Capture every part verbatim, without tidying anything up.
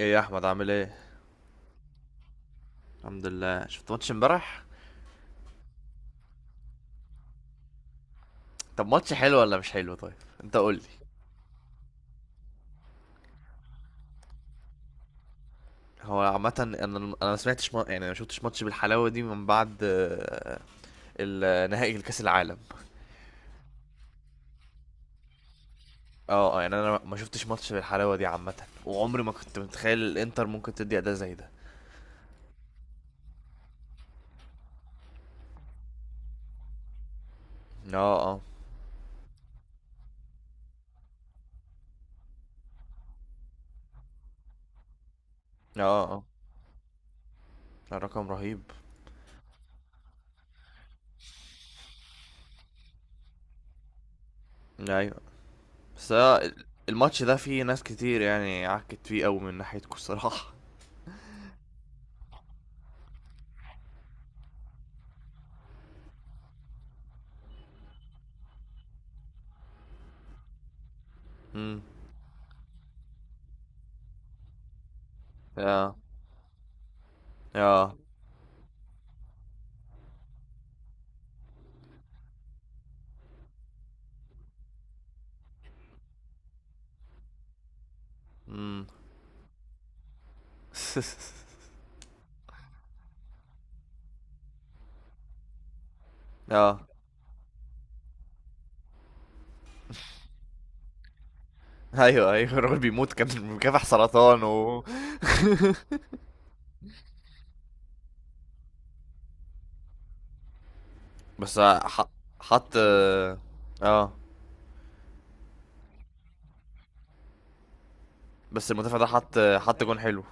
ايه يا احمد عامل ايه؟ الحمد لله. شفت ماتش امبارح؟ طب ماتش حلو ولا مش حلو؟ طيب انت قول لي. هو عامة انا انا ما سمعتش ما... يعني ما شفتش ماتش بالحلاوة دي من بعد آه، ال- نهائي الكاس العالم. اه آه، يعني انا ما شفتش ماتش بالحلاوة دي عامة، وعمري ما كنت متخيل الانتر ممكن تدي اداء زي ده. اه اه. اه اه. لا، رقم رهيب. ايوه. بس آه، الماتش ده فيه ناس كتير يعني عكت فيه قوي من ناحيتكم الصراحة. امم. اه اه. امم. اه. ايوه ايوه، الراجل بيموت، كان مكافح سرطان و... بس ح- حط. اه. بس المدافع ده حط حط جون حلو.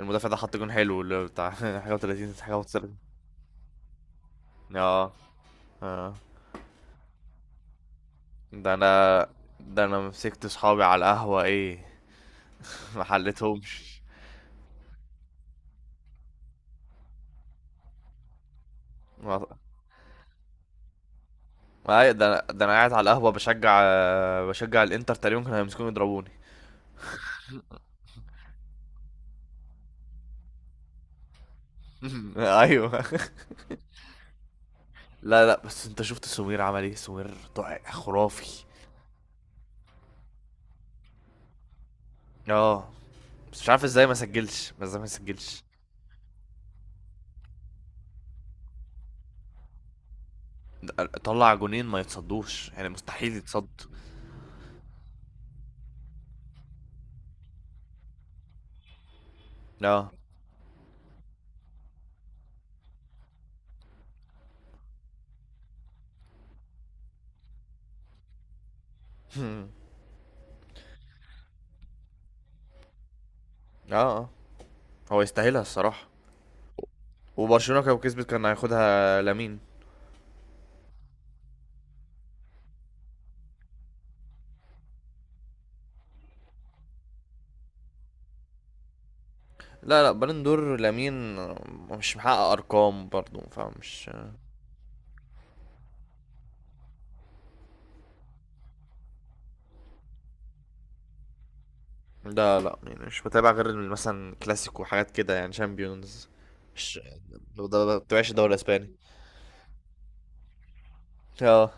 المدافع ده حط جون حلو اللي بتاع حاجه وتلاتين، حاجه وتلاتين. اه. اه. ده انا ده انا مسكت صحابي على القهوه، ايه. ما حلتهمش. ما ما- هي- ده انا ده انا قاعد على القهوه بشجع بشجع الانتر، تقريبا كانوا هيمسكوني يضربوني. ايوه. لا لا، بس انت شفت سمير عمل ايه؟ سمير طع- خرافي. اه، بس مش عارف ازاي ما سجلش، بس ازاي ما سجلش. طلع جونين ما يتصدوش، يعني مستحيل يتصد. اه. هم. اه آه. هو يستاهلها الصراحه. وبرشلونه لو كسبت كان هياخدها لامين. لا لا، بالندور لامين مش محقق ارقام برضه، فمش. لا لا يعني مش بتابع غير مثلا كلاسيكو وحاجات كده، يعني شامبيونز. مش ما بتابعش الدوري الاسباني. اه.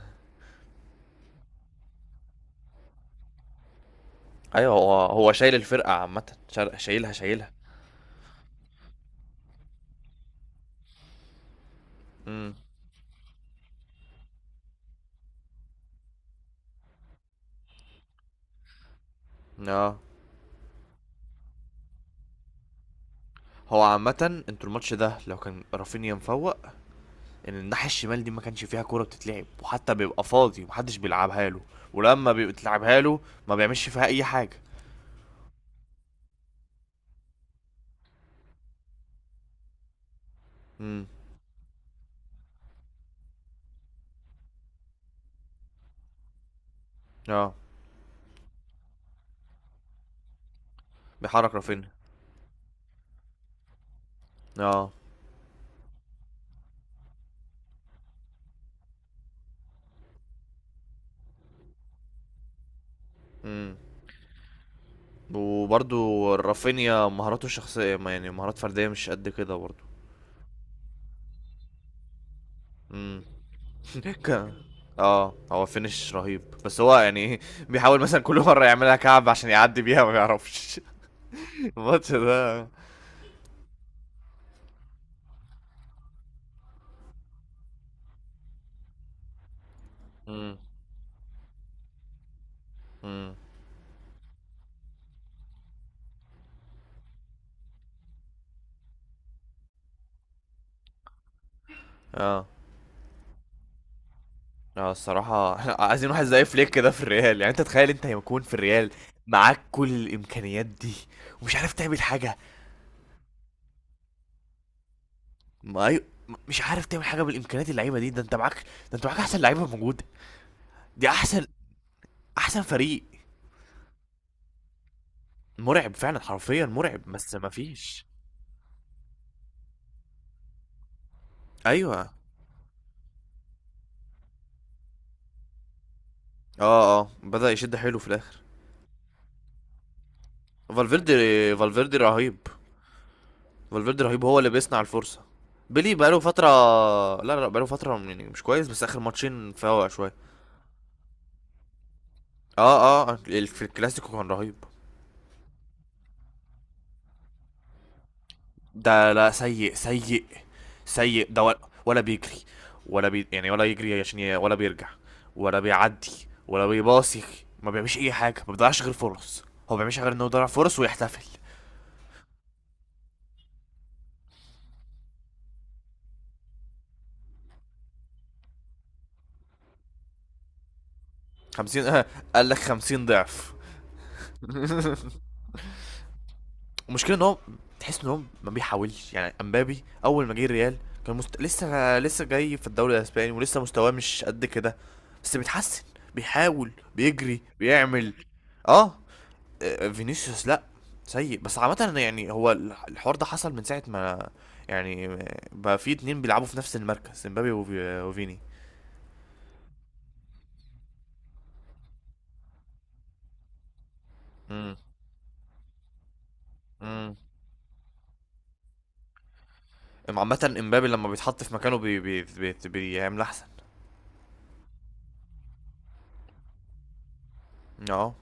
ايوه، هو هو شايل الفرقه عامه، شا- شايلها شايلها. امم. اه. هو عامة انتوا الماتش ده لو كان رافينيا مفوق، ان الناحية الشمال دي ما كانش فيها كورة بتتلعب، وحتى بيبقى فاضي ومحدش بيلعبها له، ولما بيتلعبها له ما بيعملش فيها أي حاجة. امم. اه، بيحرك رافينيا. اه. امم. وبرضو رافينيا مهاراته الشخصية، ما يعني مهارات فردية مش قد كده برضو. امم. ك- اه، هو فينش رهيب، بس هو يعني ايه، بيحاول مثلا كل مرة يعملها كعب عشان يعدي بيها، ما بيعرفش. الماتش ده. امم. امم. اه. اه الصراحة، عايزين واحد زي فليك كده في الريال. يعني انت تخيل انت يكون في الريال معاك كل الامكانيات دي، ومش عارف تعمل حاجة. ما أي... مش عارف تعمل حاجة بالامكانيات اللعيبة دي. ده انت معاك ده انت معاك احسن لعيبة موجودة. دي احسن، احسن فريق. مرعب فعلا، حرفيا مرعب، بس ما فيش. ايوه. اه اه، بدأ يشد حيله في الاخر. فالفيردي. فالفيردي رهيب. فالفيردي رهيب، هو اللي بيصنع الفرصة. بيلي بقاله فترة. لا لا، بقاله فترة يعني مش كويس، بس آخر ماتشين فاوق شوية. اه اه، ال- في الكلاسيكو كان رهيب. ده لا، سيء سيء. سيء ده، ولا, ولا بيجري، ولا بي يعني ولا يجري عشان ي... ولا بيرجع، ولا بيعدي، ولا بيباصي، ما بيعملش اي حاجه، ما بيضيعش غير فرص. هو ما بيعملش غير انه يضيع فرص ويحتفل. خمسين، آه قال لك خمسين ضعف. المشكله ان هو، تحس ان هو ما بيحاولش. يعني امبابي اول ما جه الريال، كان مست... لسه لسه جاي في الدوري الاسباني، ولسه مستواه مش قد كده، بس بيتحسن، بيحاول، بيجري، بيعمل. اه. آه، فينيسيوس لا، سيء. بس عامة يعني هو الح- الحوار ده حصل من ساعة ما، يعني بقى في اتنين بيلعبوا في نفس المركز، امبابي وفي- وفيني. امم. امم. عامة امبابي لما بيتحط في مكانه بي بي بي بيعمل احسن. اه.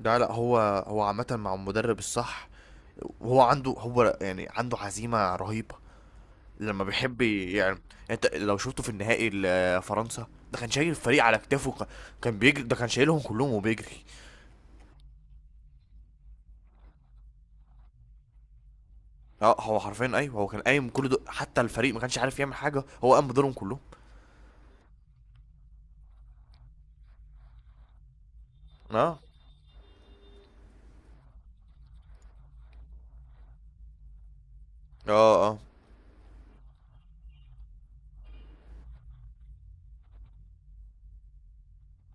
لا لا، هو هو عامة مع المدرب الصح، وهو عنده، هو يعني عنده عزيمة رهيبة لما بيحب ي- يعني. انت لو شفته في النهائي ل- فرنسا ده، كان شايل الفريق على كتافه، ك- كان بيجري، ده كان شايلهم كلهم وبيجري. اه، هو حرفيا، ايوه، هو كان قايم كل دول، حتى الفريق ما كانش عارف يعمل حاجه، هو قام بدورهم كلهم. اه. اه. اه.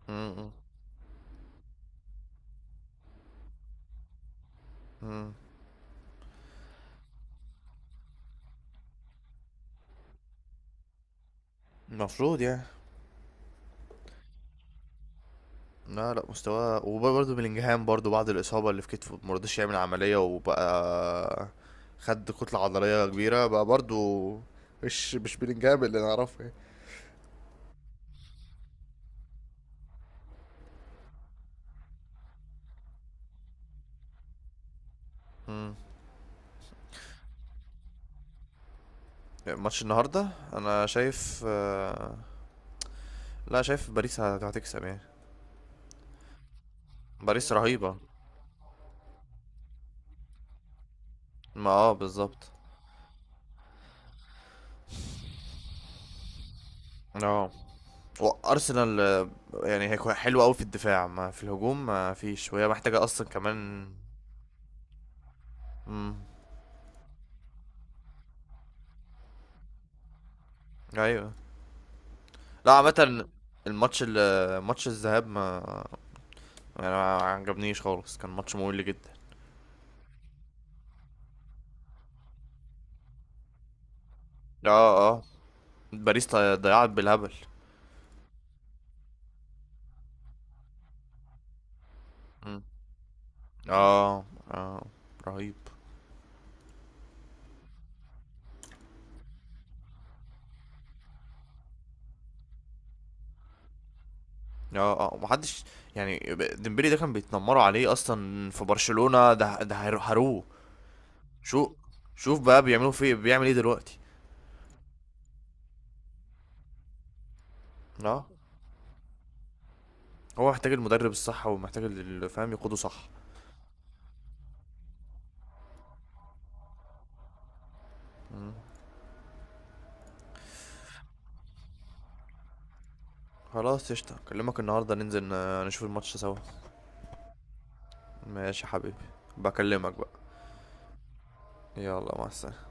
م- م- م. المفروض يعني. لا لا، مستواه، وبرضه بلينجهام برضه بعد الاصابه اللي في كتفه ما رضاش يعمل عمليه، وبقى خد كتله عضليه كبيره بقى برضه، مش مش بلينجهام اللي نعرفه يعني. م. ماتش النهارده، انا شايف آه، لا، شايف باريس هت- هتكسب يعني. باريس رهيبه. ما اه بالظبط. اه، وارسنال آه، يعني هي كوي- حلوه قوي في الدفاع، ما في الهجوم ما فيش، وهي محتاجه اصلا كمان. مم. ايوه. لا عامه، الماتش ال- ماتش الذهاب، ما يعني ما عجبنيش خالص، كان ماتش ممل جدا. اه اه، باريس ضي- ضيعت بالهبل. مم. اه. اه. رهيب. اه اه، محدش يعني، ب- ديمبلي ده كان بيتنمروا عليه اصلا في برشلونة، ده ده هير- هروه. شو شوف بقى بيعملوا فيه، بيعمل ايه دلوقتي. اه، هو محتاج المدرب الصح، ومحتاج اللي فاهم يقوده صح. مم. خلاص، قشطة، اكلمك النهاردة، ننزل ن- نشوف الماتش سوا. ماشي يا حبيبي. بكلمك بقى. يلا، مع السلامة.